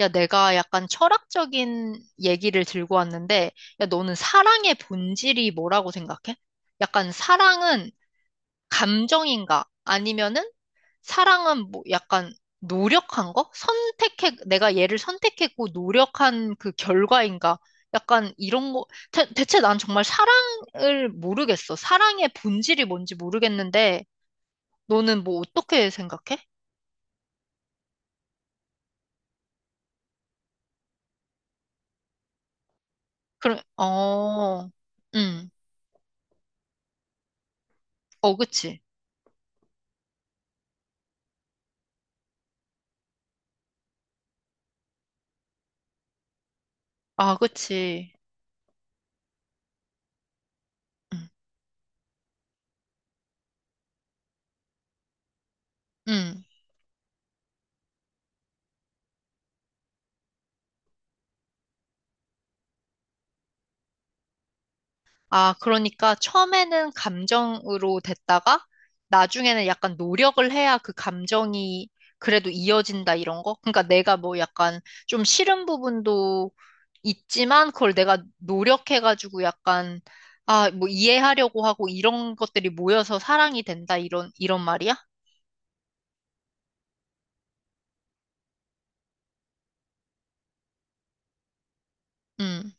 야, 내가 약간 철학적인 얘기를 들고 왔는데, 야, 너는 사랑의 본질이 뭐라고 생각해? 약간 사랑은 감정인가? 아니면은 사랑은 뭐 약간 노력한 거? 선택해, 내가 얘를 선택했고 노력한 그 결과인가? 약간 이런 거, 대체 난 정말 사랑을 모르겠어. 사랑의 본질이 뭔지 모르겠는데, 너는 뭐 어떻게 생각해? 그럼, 응, 어, 그치. 아, 그치. 응. 음. 아, 그러니까 처음에는 감정으로 됐다가 나중에는 약간 노력을 해야 그 감정이 그래도 이어진다 이런 거? 그러니까 내가 뭐 약간 좀 싫은 부분도 있지만 그걸 내가 노력해가지고 약간 아, 뭐 이해하려고 하고 이런 것들이 모여서 사랑이 된다 이런 말이야? 음.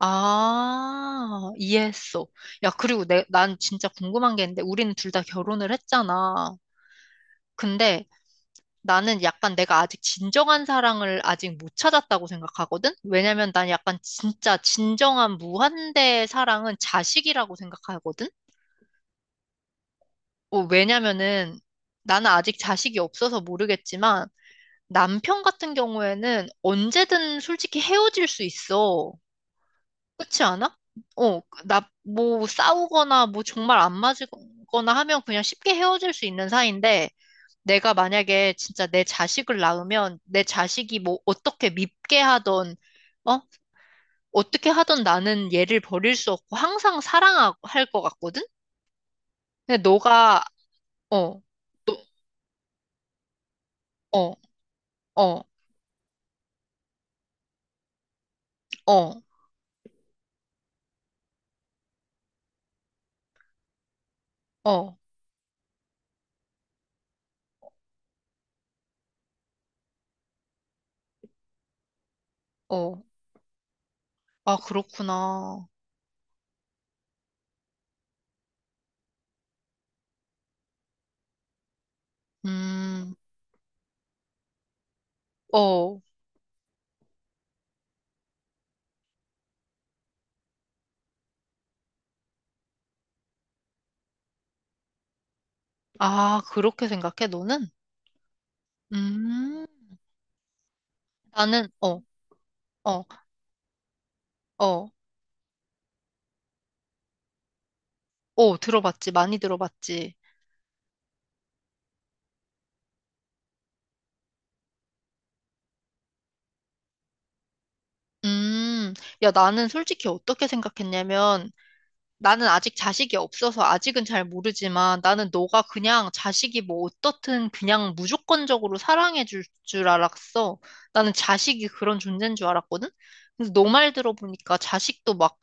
아, 이해했어. 야, 그리고 난 진짜 궁금한 게 있는데 우리는 둘 다 결혼을 했잖아. 근데 나는 약간 내가 아직 진정한 사랑을 아직 못 찾았다고 생각하거든? 왜냐면 난 약간 진짜 진정한 무한대의 사랑은 자식이라고 생각하거든? 어, 왜냐면은 나는 아직 자식이 없어서 모르겠지만 남편 같은 경우에는 언제든 솔직히 헤어질 수 있어. 그렇지 않아? 어, 나 뭐 싸우거나 뭐 정말 안 맞거나 하면 그냥 쉽게 헤어질 수 있는 사이인데 내가 만약에 진짜 내 자식을 낳으면 내 자식이 뭐 어떻게 밉게 하던, 어? 어떻게 하던 나는 얘를 버릴 수 없고 항상 사랑할 것 같거든? 근데 너가, 어, 너, 어, 어, 어, 어, 어. 아, 그렇구나. 음, 어. 아, 그렇게 생각해, 너는? 음, 나는, 어, 어, 어, 어, 들어봤지. 많이 들어봤지. 음, 야, 나는 솔직히 어떻게 생각했냐면, 나는 아직 자식이 없어서 아직은 잘 모르지만 나는 너가 그냥 자식이 뭐 어떻든 그냥 무조건적으로 사랑해 줄 알았어. 나는 자식이 그런 존재인 줄 알았거든? 근데 너 말 들어보니까 자식도 막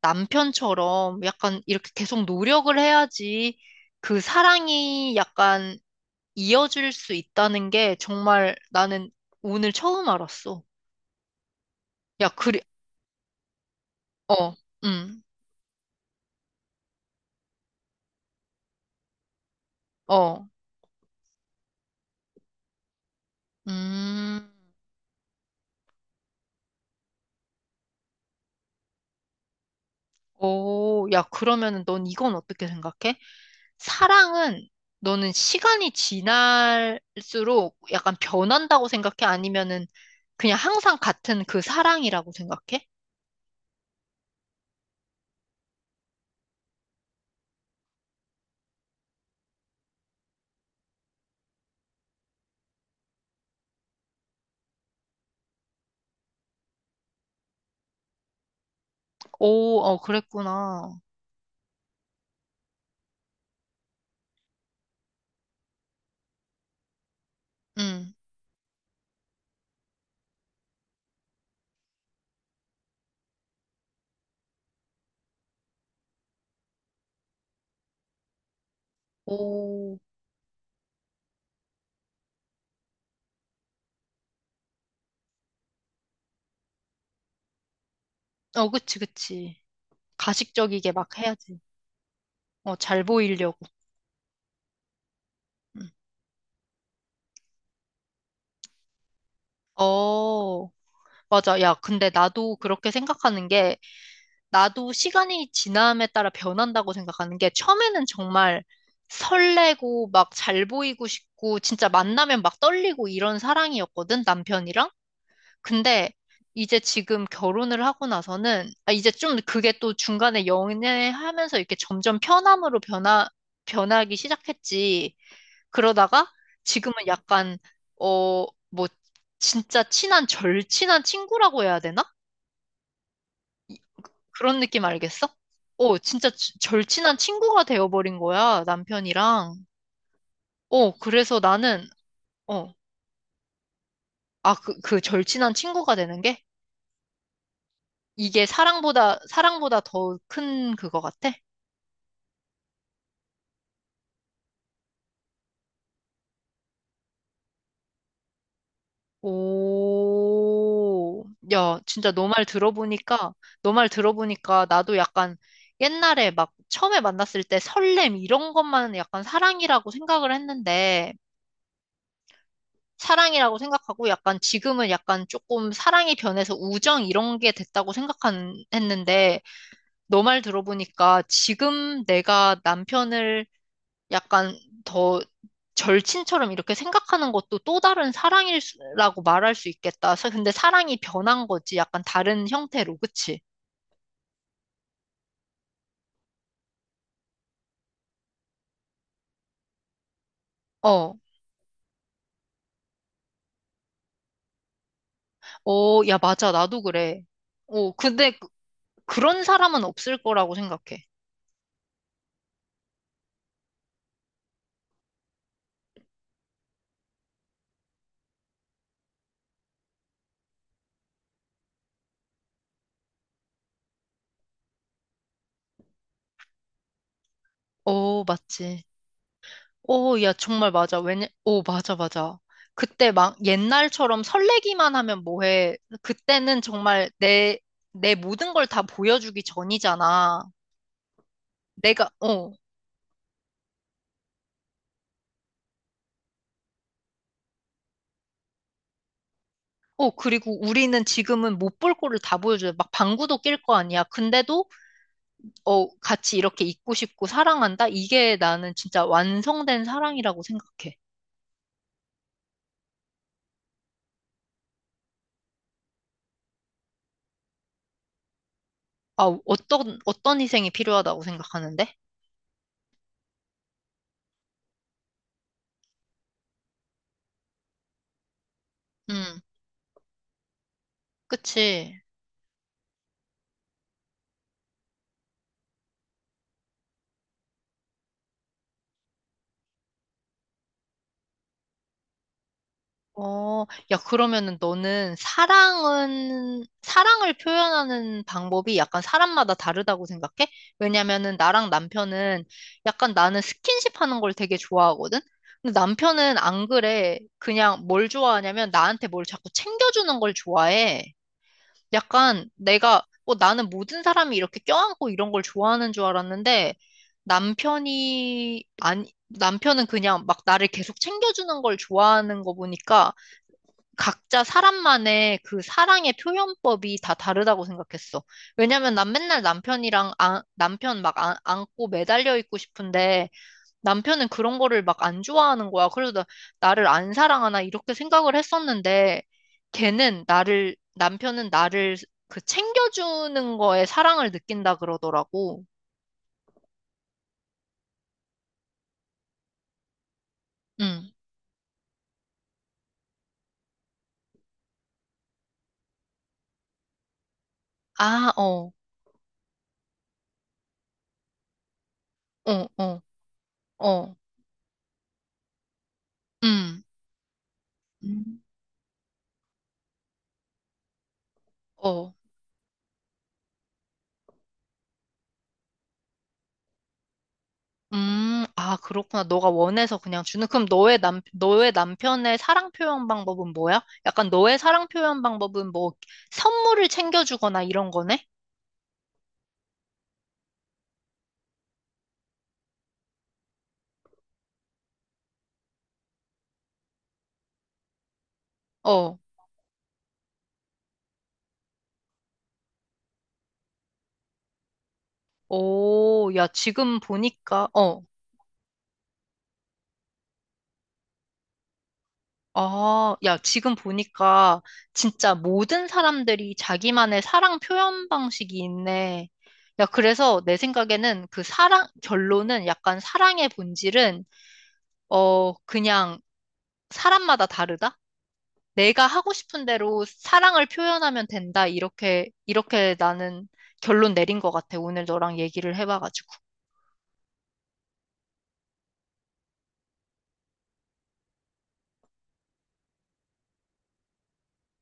남편처럼 약간 이렇게 계속 노력을 해야지 그 사랑이 약간 이어질 수 있다는 게 정말 나는 오늘 처음 알았어. 야, 그래, 어, 음, 어, 음. 오, 야, 그러면은 넌 이건 어떻게 생각해? 사랑은 너는 시간이 지날수록 약간 변한다고 생각해? 아니면은 그냥 항상 같은 그 사랑이라고 생각해? 오, 어, 그랬구나. 응. 오, 어, 그치, 그치. 가식적이게 막 해야지. 어, 잘 보이려고. 응. 어, 맞아. 야, 근데 나도 그렇게 생각하는 게 나도 시간이 지남에 따라 변한다고 생각하는 게 처음에는 정말 설레고 막 잘 보이고 싶고 진짜 만나면 막 떨리고 이런 사랑이었거든, 남편이랑. 근데 이제 지금 결혼을 하고 나서는 아, 이제 좀 그게 또 중간에 연애하면서 이렇게 점점 편함으로 변하기 시작했지. 그러다가 지금은 약간 어, 뭐 진짜 친한 절친한 친구라고 해야 되나? 그런 느낌 알겠어? 어, 진짜 절친한 친구가 되어버린 거야, 남편이랑. 어, 그래서 나는, 어, 아, 그 절친한 친구가 되는 게? 이게 사랑보다 더 큰 그거 같아? 오, 야, 진짜 너 말 들어보니까, 너 말 들어보니까 나도 약간 옛날에 막 처음에 만났을 때 설렘 이런 것만 약간 사랑이라고 생각을 했는데, 사랑이라고 생각하고 약간 지금은 약간 조금 사랑이 변해서 우정 이런 게 됐다고 생각 했는데 너 말 들어보니까 지금 내가 남편을 약간 더 절친처럼 이렇게 생각하는 것도 또 다른 사랑이라고 말할 수 있겠다. 근데 사랑이 변한 거지. 약간 다른 형태로. 그치? 어. 어, 야, 맞아. 나도 그래. 어, 그런 사람은 없을 거라고 생각해. 어, 맞지. 오, 야, 정말 맞아. 왜냐, 오, 맞아, 맞아. 그때 막 옛날처럼 설레기만 하면 뭐해. 그때는 정말 내 모든 걸 다 보여주기 전이잖아. 내가, 어, 그리고 우리는 지금은 못 볼 거를 다 보여줘요. 막 방구도 낄 거 아니야. 근데도, 어, 같이 이렇게 있고 싶고 사랑한다? 이게 나는 진짜 완성된 사랑이라고 생각해. 아, 어떤 희생이 필요하다고 생각하는데? 음, 그치. 어, 야, 그러면은 너는 사랑을 표현하는 방법이 약간 사람마다 다르다고 생각해? 왜냐면은 나랑 남편은 약간 나는 스킨십 하는 걸 되게 좋아하거든? 근데 남편은 안 그래. 그냥 뭘 좋아하냐면 나한테 뭘 자꾸 챙겨주는 걸 좋아해. 약간 나는 모든 사람이 이렇게 껴안고 이런 걸 좋아하는 줄 알았는데 남편이, 아니, 남편은 그냥 막 나를 계속 챙겨주는 걸 좋아하는 거 보니까 각자 사람만의 그 사랑의 표현법이 다 다르다고 생각했어. 왜냐면 난 맨날 남편이랑 안- 남편 막 안, 안고 매달려 있고 싶은데 남편은 그런 거를 막 안 좋아하는 거야. 나를 안 사랑하나 이렇게 생각을 했었는데 걔는 나를 남편은 나를 그 챙겨주는 거에 사랑을 느낀다 그러더라고. 응. 아, 어, 어, 어, 어, 음, 음. 어. 아, 그렇구나. 너가 원해서 그냥 주는. 그럼 너의 남편의 사랑 표현 방법은 뭐야? 약간 너의 사랑 표현 방법은 뭐 선물을 챙겨주거나 이런 거네? 어. 오, 야, 지금 보니까, 어. 아, 야, 지금 보니까 진짜 모든 사람들이 자기만의 사랑 표현 방식이 있네. 야, 그래서 내 생각에는 그 사랑, 결론은 약간 사랑의 본질은, 어, 그냥 사람마다 다르다? 내가 하고 싶은 대로 사랑을 표현하면 된다. 이렇게, 이렇게 나는 결론 내린 것 같아. 오늘 너랑 얘기를 해봐가지고.